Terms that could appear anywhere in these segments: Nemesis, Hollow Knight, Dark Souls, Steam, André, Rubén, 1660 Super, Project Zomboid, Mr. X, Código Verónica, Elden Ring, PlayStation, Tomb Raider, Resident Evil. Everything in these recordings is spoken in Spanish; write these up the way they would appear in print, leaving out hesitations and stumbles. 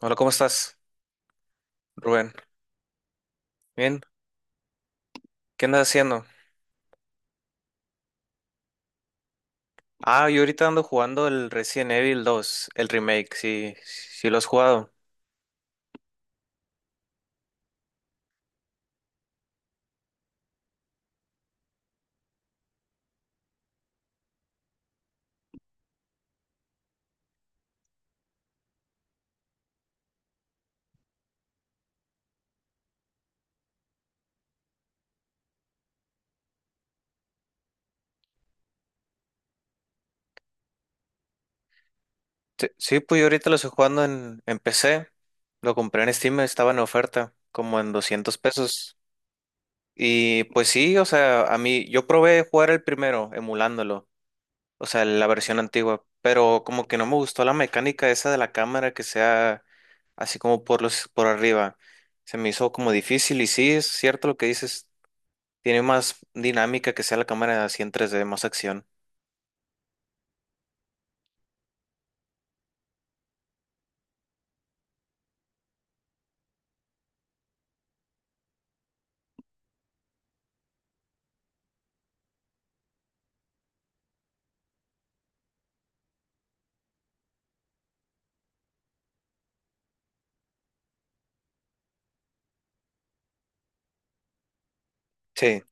Hola, ¿cómo estás, Rubén? Bien, ¿qué andas haciendo? Ah, yo ahorita ando jugando el Resident Evil dos, el remake. Sí, sí lo has jugado. Sí, sí, pues yo ahorita lo estoy jugando en PC, lo compré en Steam, estaba en oferta, como en 200 pesos. Y pues sí, o sea, a mí, yo probé jugar el primero, emulándolo, o sea, la versión antigua, pero como que no me gustó la mecánica esa de la cámara que sea así como por los, por arriba. Se me hizo como difícil y sí, es cierto lo que dices. Tiene más dinámica que sea la cámara así en tres d, más acción. Sí,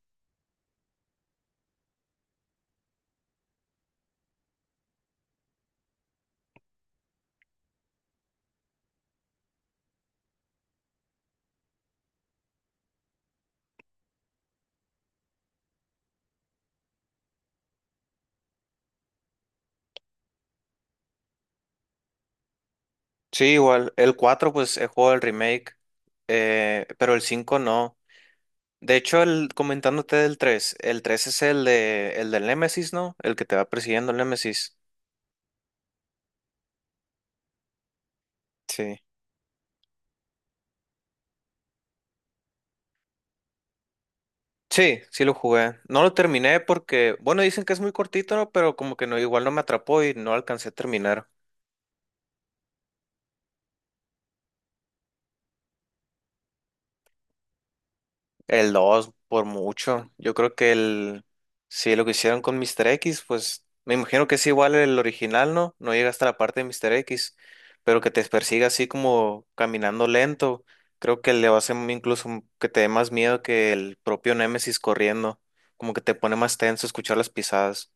sí, igual. El 4 pues he jugado el remake, pero el 5 no. De hecho, el, comentándote del tres, el 3 es el de, el del Nemesis, ¿no? El que te va persiguiendo el Nemesis. Sí. Sí, sí lo jugué. No lo terminé porque, bueno, dicen que es muy cortito, ¿no? Pero como que no, igual no me atrapó y no alcancé a terminar. El 2 por mucho. Yo creo que el. Si lo que hicieron con Mr. X, pues me imagino que es igual el original, ¿no? No llega hasta la parte de Mr. X, pero que te persiga así como caminando lento. Creo que le va a hacer incluso que te dé más miedo que el propio Nemesis corriendo. Como que te pone más tenso escuchar las pisadas.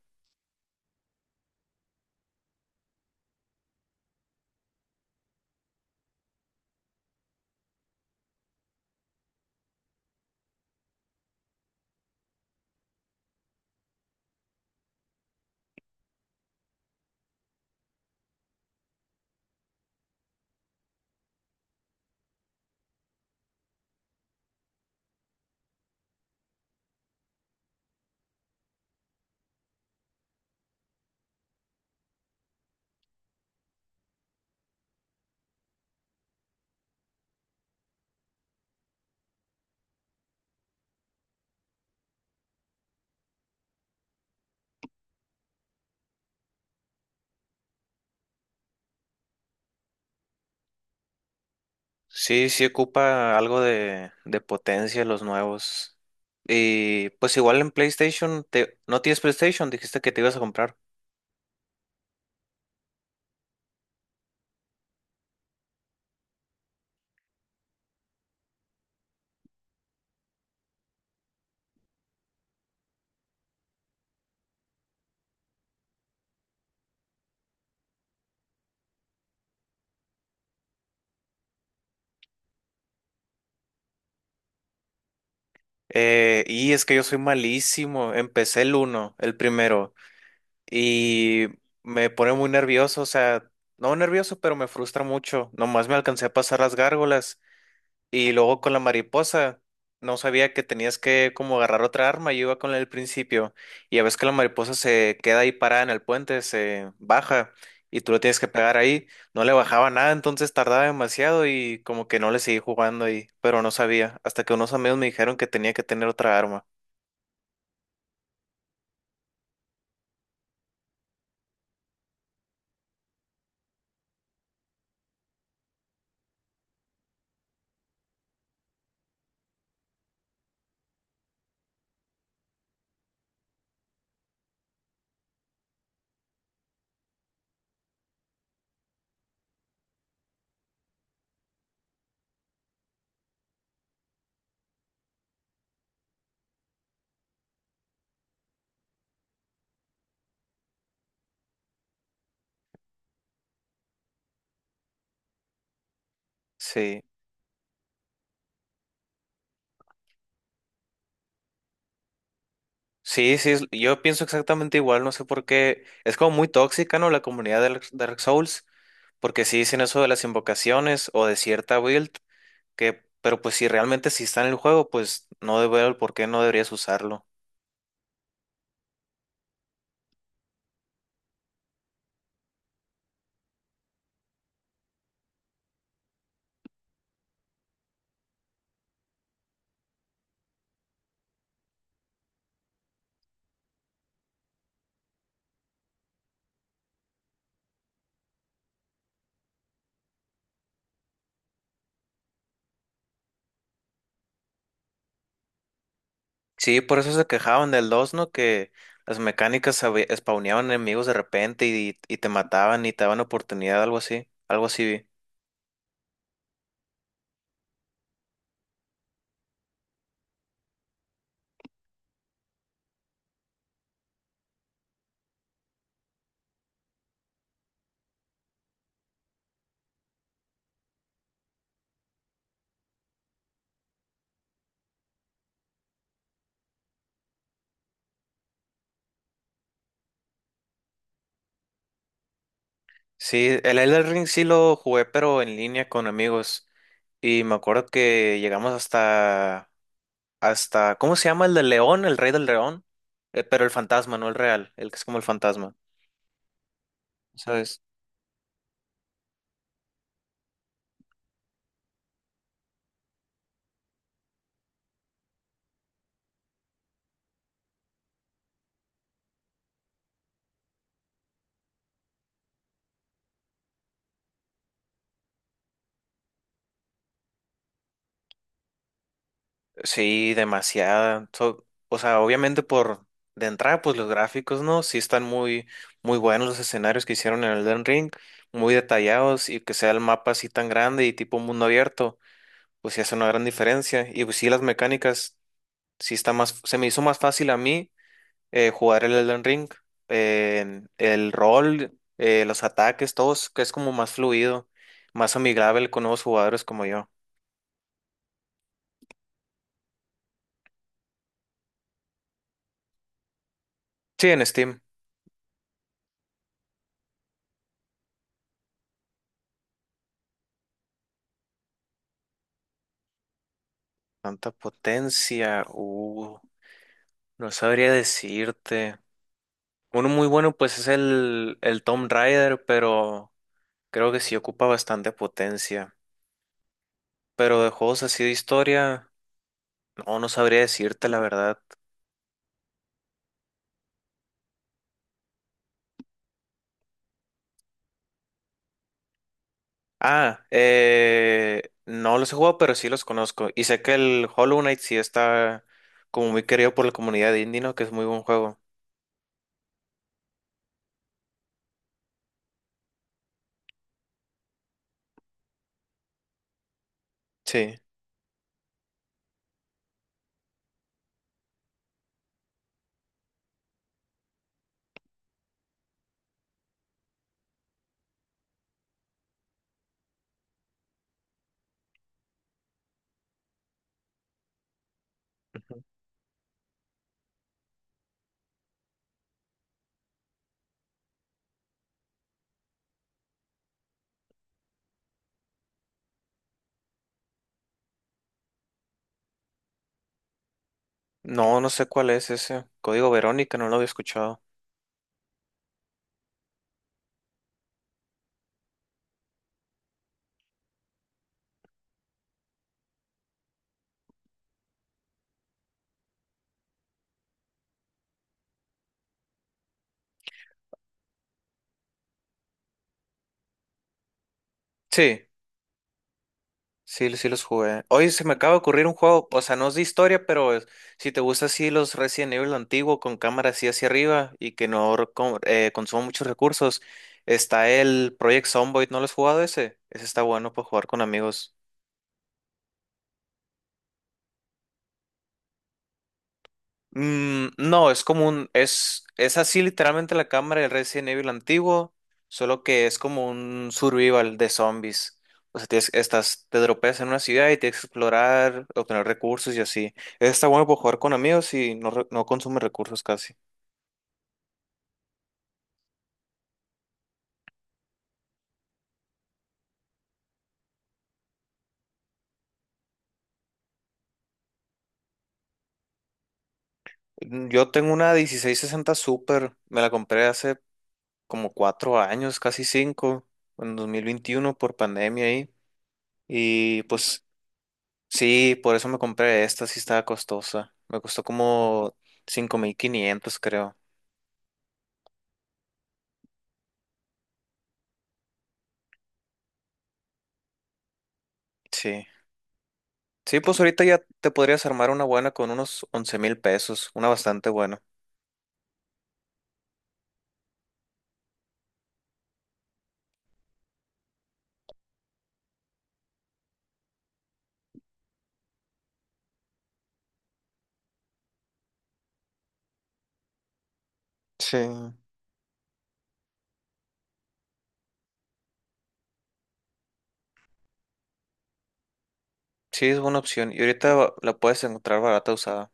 Sí, sí ocupa algo de potencia los nuevos. Y pues igual en PlayStation, te, ¿no tienes PlayStation? Dijiste que te ibas a comprar. Y es que yo soy malísimo. Empecé el uno, el primero, y me pone muy nervioso, o sea, no nervioso, pero me frustra mucho. Nomás me alcancé a pasar las gárgolas y luego con la mariposa. No sabía que tenías que como agarrar otra arma. Yo iba con la del principio y a veces que la mariposa se queda ahí parada en el puente, se baja y tú lo tienes que pegar ahí. No le bajaba nada, entonces tardaba demasiado y como que no le seguí jugando ahí, pero no sabía, hasta que unos amigos me dijeron que tenía que tener otra arma. Sí, sí, sí, es- yo pienso exactamente igual, no sé por qué. Es como muy tóxica, ¿no? La comunidad de Dark Souls, porque sí dicen eso de las invocaciones o de cierta build, que, pero pues si realmente sí está en el juego, pues no debe el por qué no deberías usarlo. Sí, por eso se quejaban del 2, ¿no? Que las mecánicas sabe- spawneaban enemigos de repente y te mataban y te daban oportunidad, algo así vi. Sí, el Elden Ring sí lo jugué, pero en línea con amigos. Y me acuerdo que llegamos hasta, hasta, ¿cómo se llama? El del león, el rey del león. Pero el fantasma, no el real, el que es como el fantasma. ¿Sabes? Sí, demasiada. So- o sea, obviamente por de entrada, pues los gráficos, ¿no? Sí están muy, muy buenos los escenarios que hicieron en Elden Ring, muy detallados y que sea el mapa así tan grande y tipo mundo abierto, pues sí hace una gran diferencia. Y pues sí, las mecánicas. Sí está más, se me hizo más fácil a mí jugar el Elden Ring, el rol, los ataques, todos, que es como más fluido, más amigable con nuevos jugadores como yo. Sí, en Steam. Tanta potencia, no sabría decirte. Uno muy bueno pues es el Tomb Raider, pero creo que sí ocupa bastante potencia. Pero de juegos así de historia, no, no sabría decirte la verdad. Ah, no los he jugado, pero sí los conozco. Y sé que el Hollow Knight sí está como muy querido por la comunidad indie, ¿no? Que es muy buen juego. Sí. Ujú. No, no sé cuál es ese. Código Verónica, no lo había escuchado. Sí, sí, sí los jugué. Hoy se me acaba de ocurrir un juego, o sea, no es de historia, pero es- si te gusta así los Resident Evil antiguo con cámara así hacia arriba y que no reco- consuma muchos recursos, está el Project Zomboid, ¿no lo has jugado ese? Ese está bueno para jugar con amigos. Mm, no, es como un, es así literalmente la cámara del Resident Evil antiguo, solo que es como un survival de zombies. O sea, tienes- estás, te dropeas en una ciudad y tienes que explorar, obtener recursos y así. Está bueno por jugar con amigos y no, re- no consume recursos casi. Mm. Yo tengo una 1660 Super, me la compré hace como cuatro años, casi cinco, en 2021 por pandemia ahí. Y pues sí, por eso me compré esta, sí estaba costosa. Me costó como 5500, creo. Sí. Sí, pues ahorita ya te podrías armar una buena con unos 11 000 pesos, una bastante buena. Sí. Sí, es buena opción. Y ahorita va- la puedes encontrar barata usada.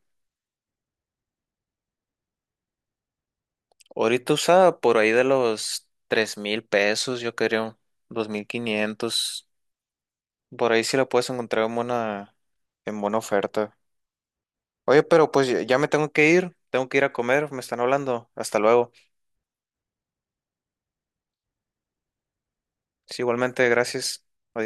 Ahorita usada por ahí de los 3000 pesos, yo creo. 2500. Por ahí sí la puedes encontrar en buena oferta. Oye, pero pues ya ya me tengo que ir. Tengo que ir a comer, me están hablando. Hasta luego. Sí, igualmente, gracias. Adiós.